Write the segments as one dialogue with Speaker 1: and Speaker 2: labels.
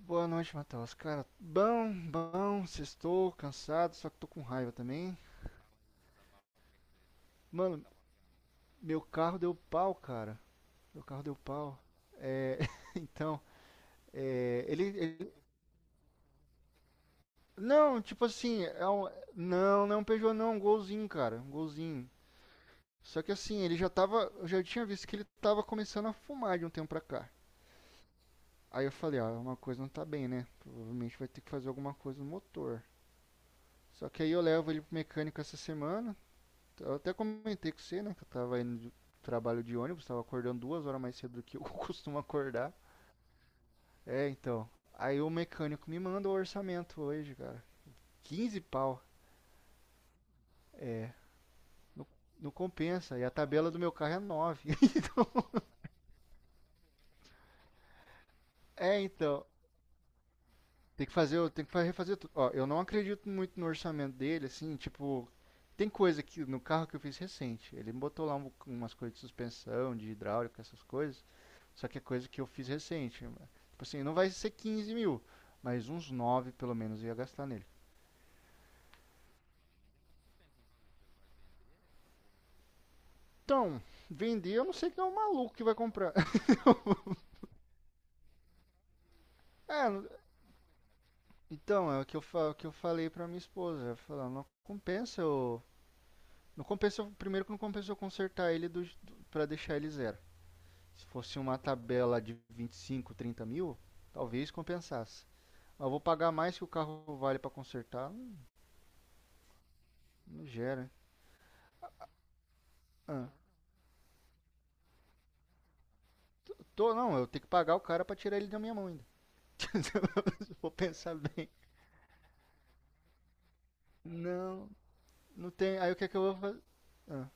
Speaker 1: Boa noite, Matheus. Cara, bom, sextou, cansado, só que tô com raiva também. Mano, meu carro deu pau, cara. Meu carro deu pau. É, então, é, ele, ele- Não, tipo assim, é um. Não, não é um Peugeot não, é um Golzinho, cara, um Golzinho. Só que assim, eu já tinha visto que ele tava começando a fumar de um tempo pra cá. Aí eu falei, ó, uma coisa não tá bem, né? Provavelmente vai ter que fazer alguma coisa no motor. Só que aí eu levo ele pro mecânico essa semana. Eu até comentei com você, né? Que eu tava indo de trabalho de ônibus, tava acordando 2 horas mais cedo do que eu costumo acordar. É, então. Aí o mecânico me manda o orçamento hoje, cara. Quinze pau. Não, não compensa. E a tabela do meu carro é nove. É, então. Tem que fazer, tem que refazer tudo. Ó, eu não acredito muito no orçamento dele, assim, tipo, tem coisa que no carro que eu fiz recente, ele botou lá umas coisas de suspensão, de hidráulica, essas coisas, só que é coisa que eu fiz recente. Tipo assim, não vai ser 15 mil, mas uns 9 pelo menos eu ia gastar nele. Então, vender eu não sei quem é o maluco que vai comprar. É, então, é o que eu, o que eu falei pra minha esposa, eu falei, "Ó, não compensa eu. Não compensa, primeiro que não compensa eu consertar ele do, pra deixar ele zero. Se fosse uma tabela de 25 30 mil, talvez compensasse. Mas eu vou pagar mais que o carro vale para consertar, não- gera. Ah, eu tô, não, eu tenho que pagar o cara para tirar ele da minha mão ainda. Se eu for pensar bem. Não, não tem. Aí o que é que eu vou fazer? Ah,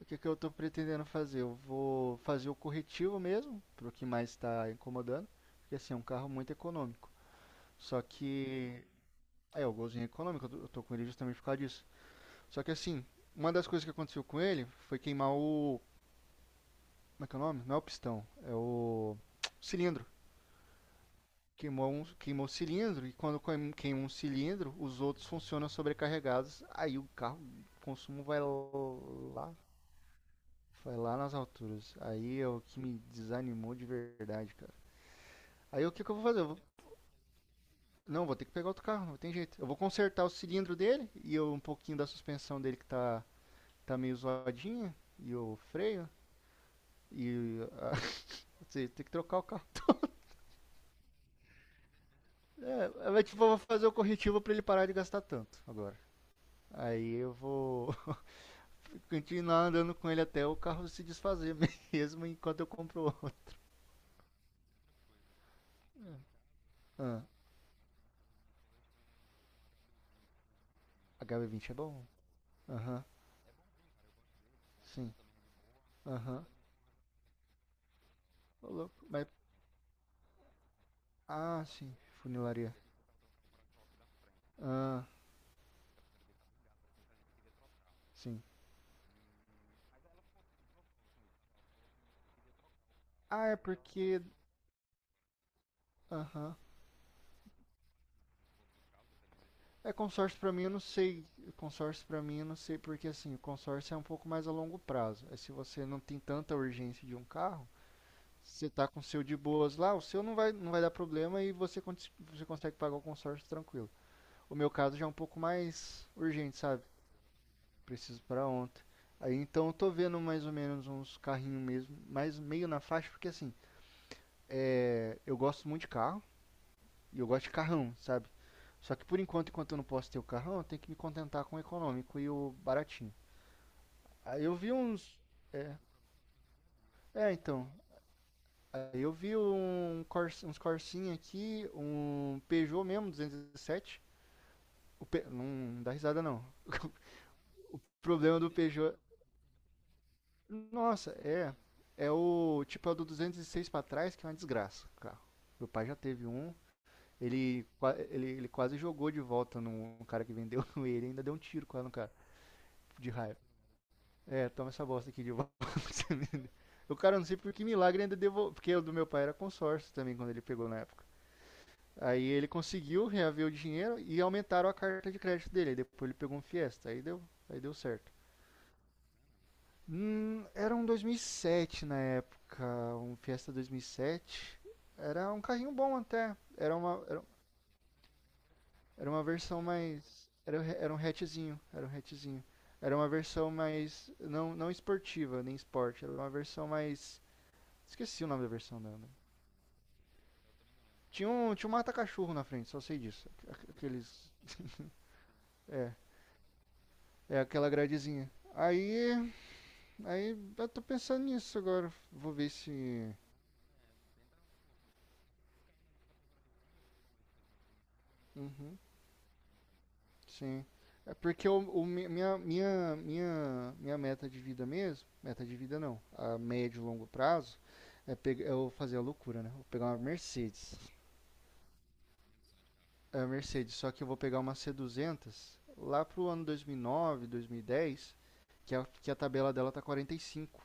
Speaker 1: o que é que eu tô pretendendo fazer? Eu vou fazer o corretivo mesmo, pro que mais está incomodando. Porque assim, é um carro muito econômico. Só que. É, o golzinho é econômico, eu tô com ele justamente por causa disso. Só que assim, uma das coisas que aconteceu com ele foi queimar o. Como é que é o nome? Não é o pistão, é o cilindro. Queimou o cilindro e quando queima um cilindro, os outros funcionam sobrecarregados. Aí o carro, o consumo vai lá nas alturas. Aí é o que me desanimou de verdade, cara. Aí o que, que eu vou fazer? Não, vou ter que pegar outro carro, não tem jeito. Eu vou consertar o cilindro dele e um pouquinho da suspensão dele que tá meio zoadinha e o freio. E a- ou tem que trocar o carro. É, mas, tipo, eu vou fazer o corretivo pra ele parar de gastar tanto agora. Aí eu vou continuar andando com ele até o carro se desfazer mesmo enquanto eu compro outro. Ah, HB20 é bom. Aham, sim. Aham. Ô louco, mas. Ah, sim. Funilaria. Ah, sim. Ah, é porque. Aham. É consórcio pra mim, eu não sei. Consórcio pra mim, eu não sei, porque assim, o consórcio é um pouco mais a longo prazo. É se você não tem tanta urgência de um carro. Você tá com o seu de boas lá, o seu não vai dar problema e você, você consegue pagar o consórcio tranquilo. O meu caso já é um pouco mais urgente, sabe? Preciso para ontem. Aí então eu tô vendo mais ou menos uns carrinhos mesmo, mas meio na faixa, porque assim, eu gosto muito de carro e eu gosto de carrão, sabe? Só que por enquanto, enquanto eu não posso ter o carrão, eu tenho que me contentar com o econômico e o baratinho. Aí eu vi uns. É, então. Aí eu vi uns Corsinha aqui, um Peugeot mesmo, 217. Não dá risada, não. O problema do Peugeot. Nossa, é. É o tipo é o do 206 pra trás, que é uma desgraça. O carro. Meu pai já teve um. Ele quase jogou de volta no cara que vendeu ele. Ainda deu um tiro quase no cara. De raiva. É, toma essa bosta aqui de volta que você me deu. O cara, não sei por que milagre, ainda devolveu. Porque o do meu pai era consórcio também, quando ele pegou na época. Aí ele conseguiu reaver o dinheiro e aumentaram a carta de crédito dele. Aí depois ele pegou um Fiesta. Aí deu certo. Era um 2007 na época, um Fiesta 2007. Era um carrinho bom até. Era uma versão mais. Era um hatchzinho. Era um hatchzinho. Era uma versão mais. Não, não esportiva, nem esporte. Era uma versão mais. Esqueci o nome da versão dela, né? Tinha um mata-cachorro na frente, só sei disso. Aqueles. É, é aquela gradezinha. Aí. Aí eu tô pensando nisso agora. Vou ver se. Uhum. Sim. É porque minha meta de vida mesmo, meta de vida não, a médio e longo prazo, pegar, eu fazer a loucura, né? Vou pegar uma Mercedes. É a Mercedes, só que eu vou pegar uma C200 lá pro ano 2009, 2010, que a tabela dela tá 45.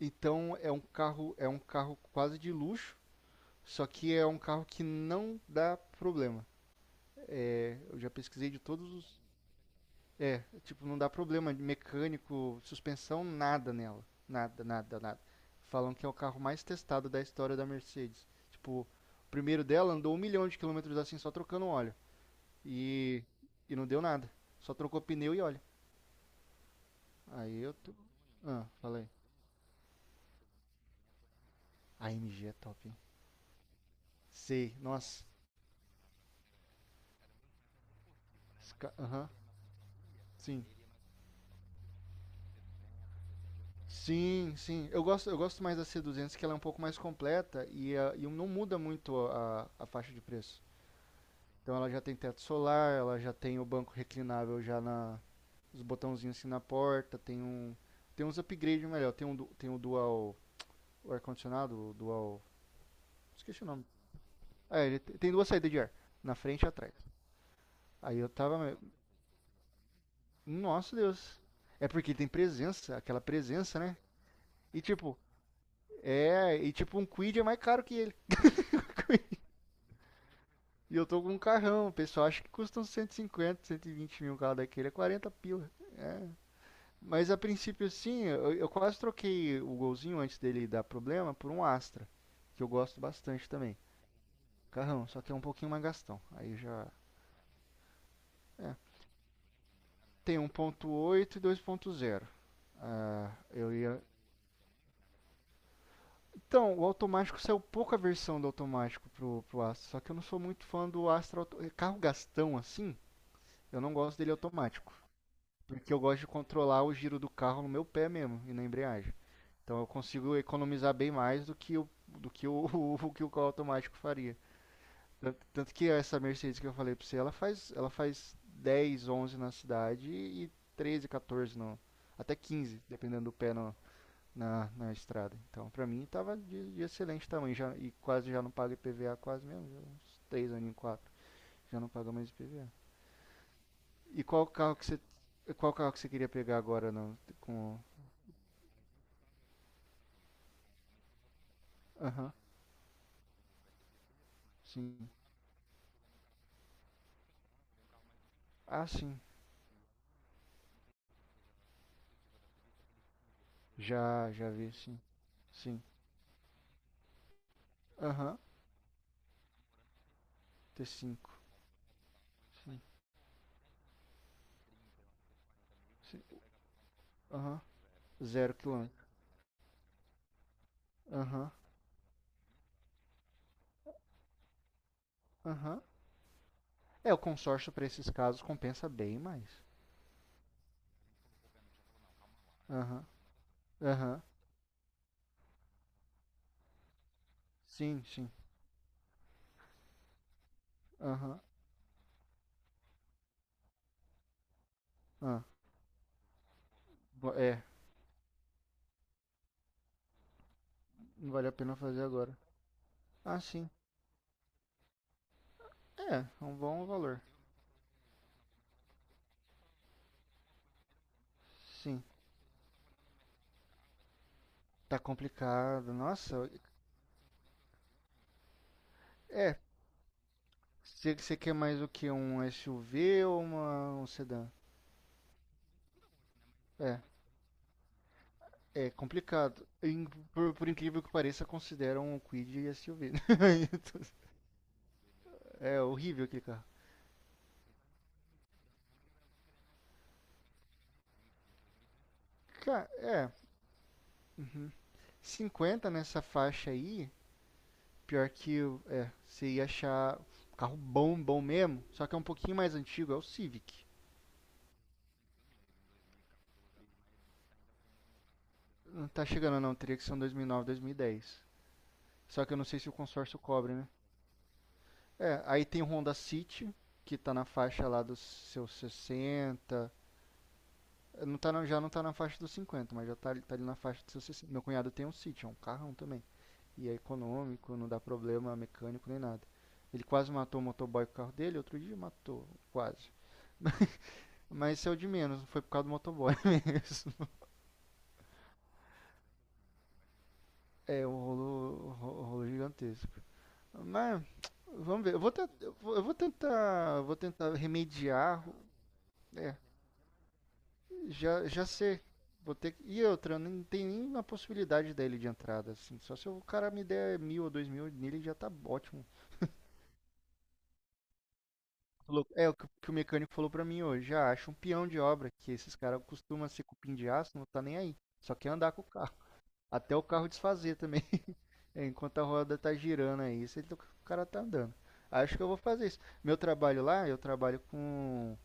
Speaker 1: Então é um carro quase de luxo, só que é um carro que não dá problema. É, eu já pesquisei de todos os é, tipo, não dá problema de mecânico, suspensão, nada nela. Nada, nada, nada. Falam que é o carro mais testado da história da Mercedes. Tipo, o primeiro dela andou um milhão de quilômetros assim, só trocando óleo. E, e não deu nada. Só trocou pneu e óleo. Aí eu tô. Ah, falei. A AMG é top, hein? Sei, nossa. Aham, sim. Sim, sim. Eu gosto mais da c duzentos que ela é um pouco mais completa e não muda muito a, faixa de preço. Então ela já tem teto solar, ela já tem o banco reclinável já na os botãozinhos assim na porta, tem uns upgrades melhor, tem o dual o ar condicionado, o dual, esqueci o nome. Ah, ele tem duas saídas de ar, na frente e atrás. Aí eu tava, nossa Deus. É porque tem presença, aquela presença, né? E tipo, e tipo um Quid é mais caro que ele. E eu tô com um carrão, o pessoal acha que custa uns 150, 120 mil um carro daquele, é 40 pila. Mas a princípio, sim, eu quase troquei o golzinho antes dele dar problema por um Astra, que eu gosto bastante também. Carrão, só que é um pouquinho mais gastão. Aí já tem 1.8 e 2.0. Ah, eu ia. Então, o automático saiu pouca versão do automático pro Astra, só que eu não sou muito fã do Astra carro gastão assim. Eu não gosto dele automático, porque eu gosto de controlar o giro do carro no meu pé mesmo e na embreagem. Então eu consigo economizar bem mais do que o o que o carro automático faria. Tanto que essa Mercedes que eu falei pra você, ela faz 10 11 na cidade e 13 14 no, até 15 dependendo do pé na estrada. Então pra mim tava de excelente tamanho já, e quase já não paga IPVA, quase mesmo, já uns 3 aninhos, 4, já não paga mais IPVA. E qual carro que você queria pegar agora não, com. Aham, sim. Ah, sim. Já vi, sim. Sim. Aham. T5. Sim. Sim. Aham. Zero quilômetro. Aham. Aham. É, o consórcio para esses casos compensa bem mais. Aham. Aham. Sim, sim. Aham. Ah. É, não vale a pena fazer agora. Ah, sim. É um bom valor. Sim. Tá complicado. Nossa, é. Você quer mais o que? Um SUV ou uma, um sedã? É, é complicado. Por incrível que pareça, consideram o Kwid SUV. É horrível aquele carro. Cara, 50 nessa faixa aí, pior que é, você ia achar um carro bom, bom mesmo, só que é um pouquinho mais antigo, é o Civic. Não tá chegando não, teria que ser um 2009, 2010. Só que eu não sei se o consórcio cobre, né? É, aí tem o Honda City, que tá na faixa lá dos seus 60. Não tá, não já não tá na faixa dos 50, mas já tá, tá ali na faixa dos seus 60. Meu cunhado tem um City, é um carrão também. E é econômico, não dá problema mecânico nem nada. Ele quase matou o motoboy com o carro dele, outro dia matou, quase. Mas isso é o de menos, não foi por causa do motoboy mesmo. É um rolo, rolo gigantesco. Mas vamos ver, eu vou tentar remediar, é, já sei. Vou ter. E outra, não tem nenhuma possibilidade dele de entrada, assim. Só se o cara me der mil ou dois mil nele já tá ótimo. É o que o mecânico falou pra mim hoje. Ah, acho um peão de obra, que esses caras costumam ser cupim de aço, não tá nem aí. Só quer andar com o carro. Até o carro desfazer também. É, enquanto a roda tá girando aí, tá, o cara tá andando. Acho que eu vou fazer isso. Meu trabalho lá, eu trabalho com.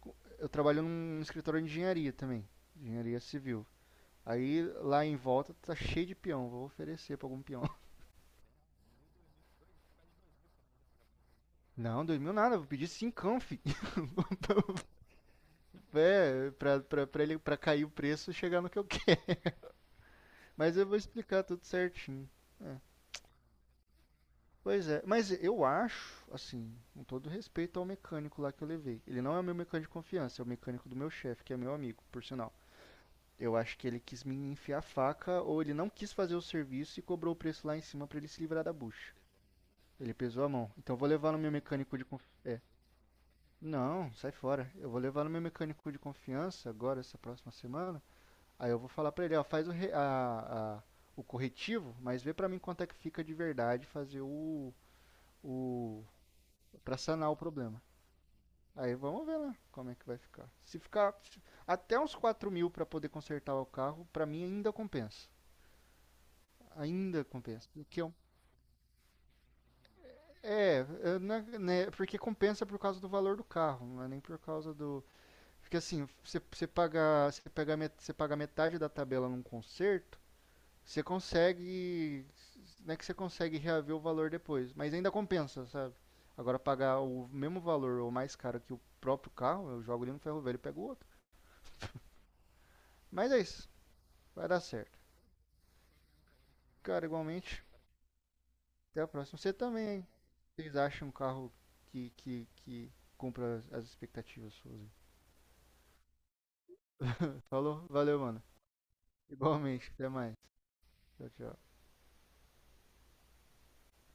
Speaker 1: Eu trabalho num escritório de engenharia também. Engenharia civil. Aí lá em volta tá cheio de peão. Vou oferecer pra algum peão. Não, dois mil nada, vou pedir cincão, fi. É, pra ele pra cair o preço e chegar no que eu quero. Mas eu vou explicar tudo certinho. Pois é, mas eu acho, assim, com todo respeito ao mecânico lá que eu levei. Ele não é o meu mecânico de confiança, é o mecânico do meu chefe, que é meu amigo, por sinal. Eu acho que ele quis me enfiar a faca ou ele não quis fazer o serviço e cobrou o preço lá em cima pra ele se livrar da bucha. Ele pesou a mão. Então eu vou levar no meu mecânico de confiança. É. Não, sai fora. Eu vou levar no meu mecânico de confiança agora, essa próxima semana. Aí eu vou falar pra ele, ó, faz o, re- a- o corretivo, mas vê pra mim quanto é que fica de verdade fazer o para sanar o problema. Aí vamos ver lá como é que vai ficar. Se ficar até uns 4 mil para poder consertar o carro, para mim ainda compensa. Ainda compensa. O que eu, é, eu né, porque compensa por causa do valor do carro, não é nem por causa do. Porque assim, você paga metade da tabela num conserto, você consegue né, que você consegue reaver o valor depois. Mas ainda compensa, sabe? Agora pagar o mesmo valor ou mais caro que o próprio carro, eu jogo ele no ferro velho e pego o outro. Mas é isso. Vai dar certo. Cara, igualmente. Até a próxima. Você também, hein? Vocês acham um carro que cumpra as expectativas suas? Falou? Valeu, mano. Igualmente. Até mais. Tchau, tchau.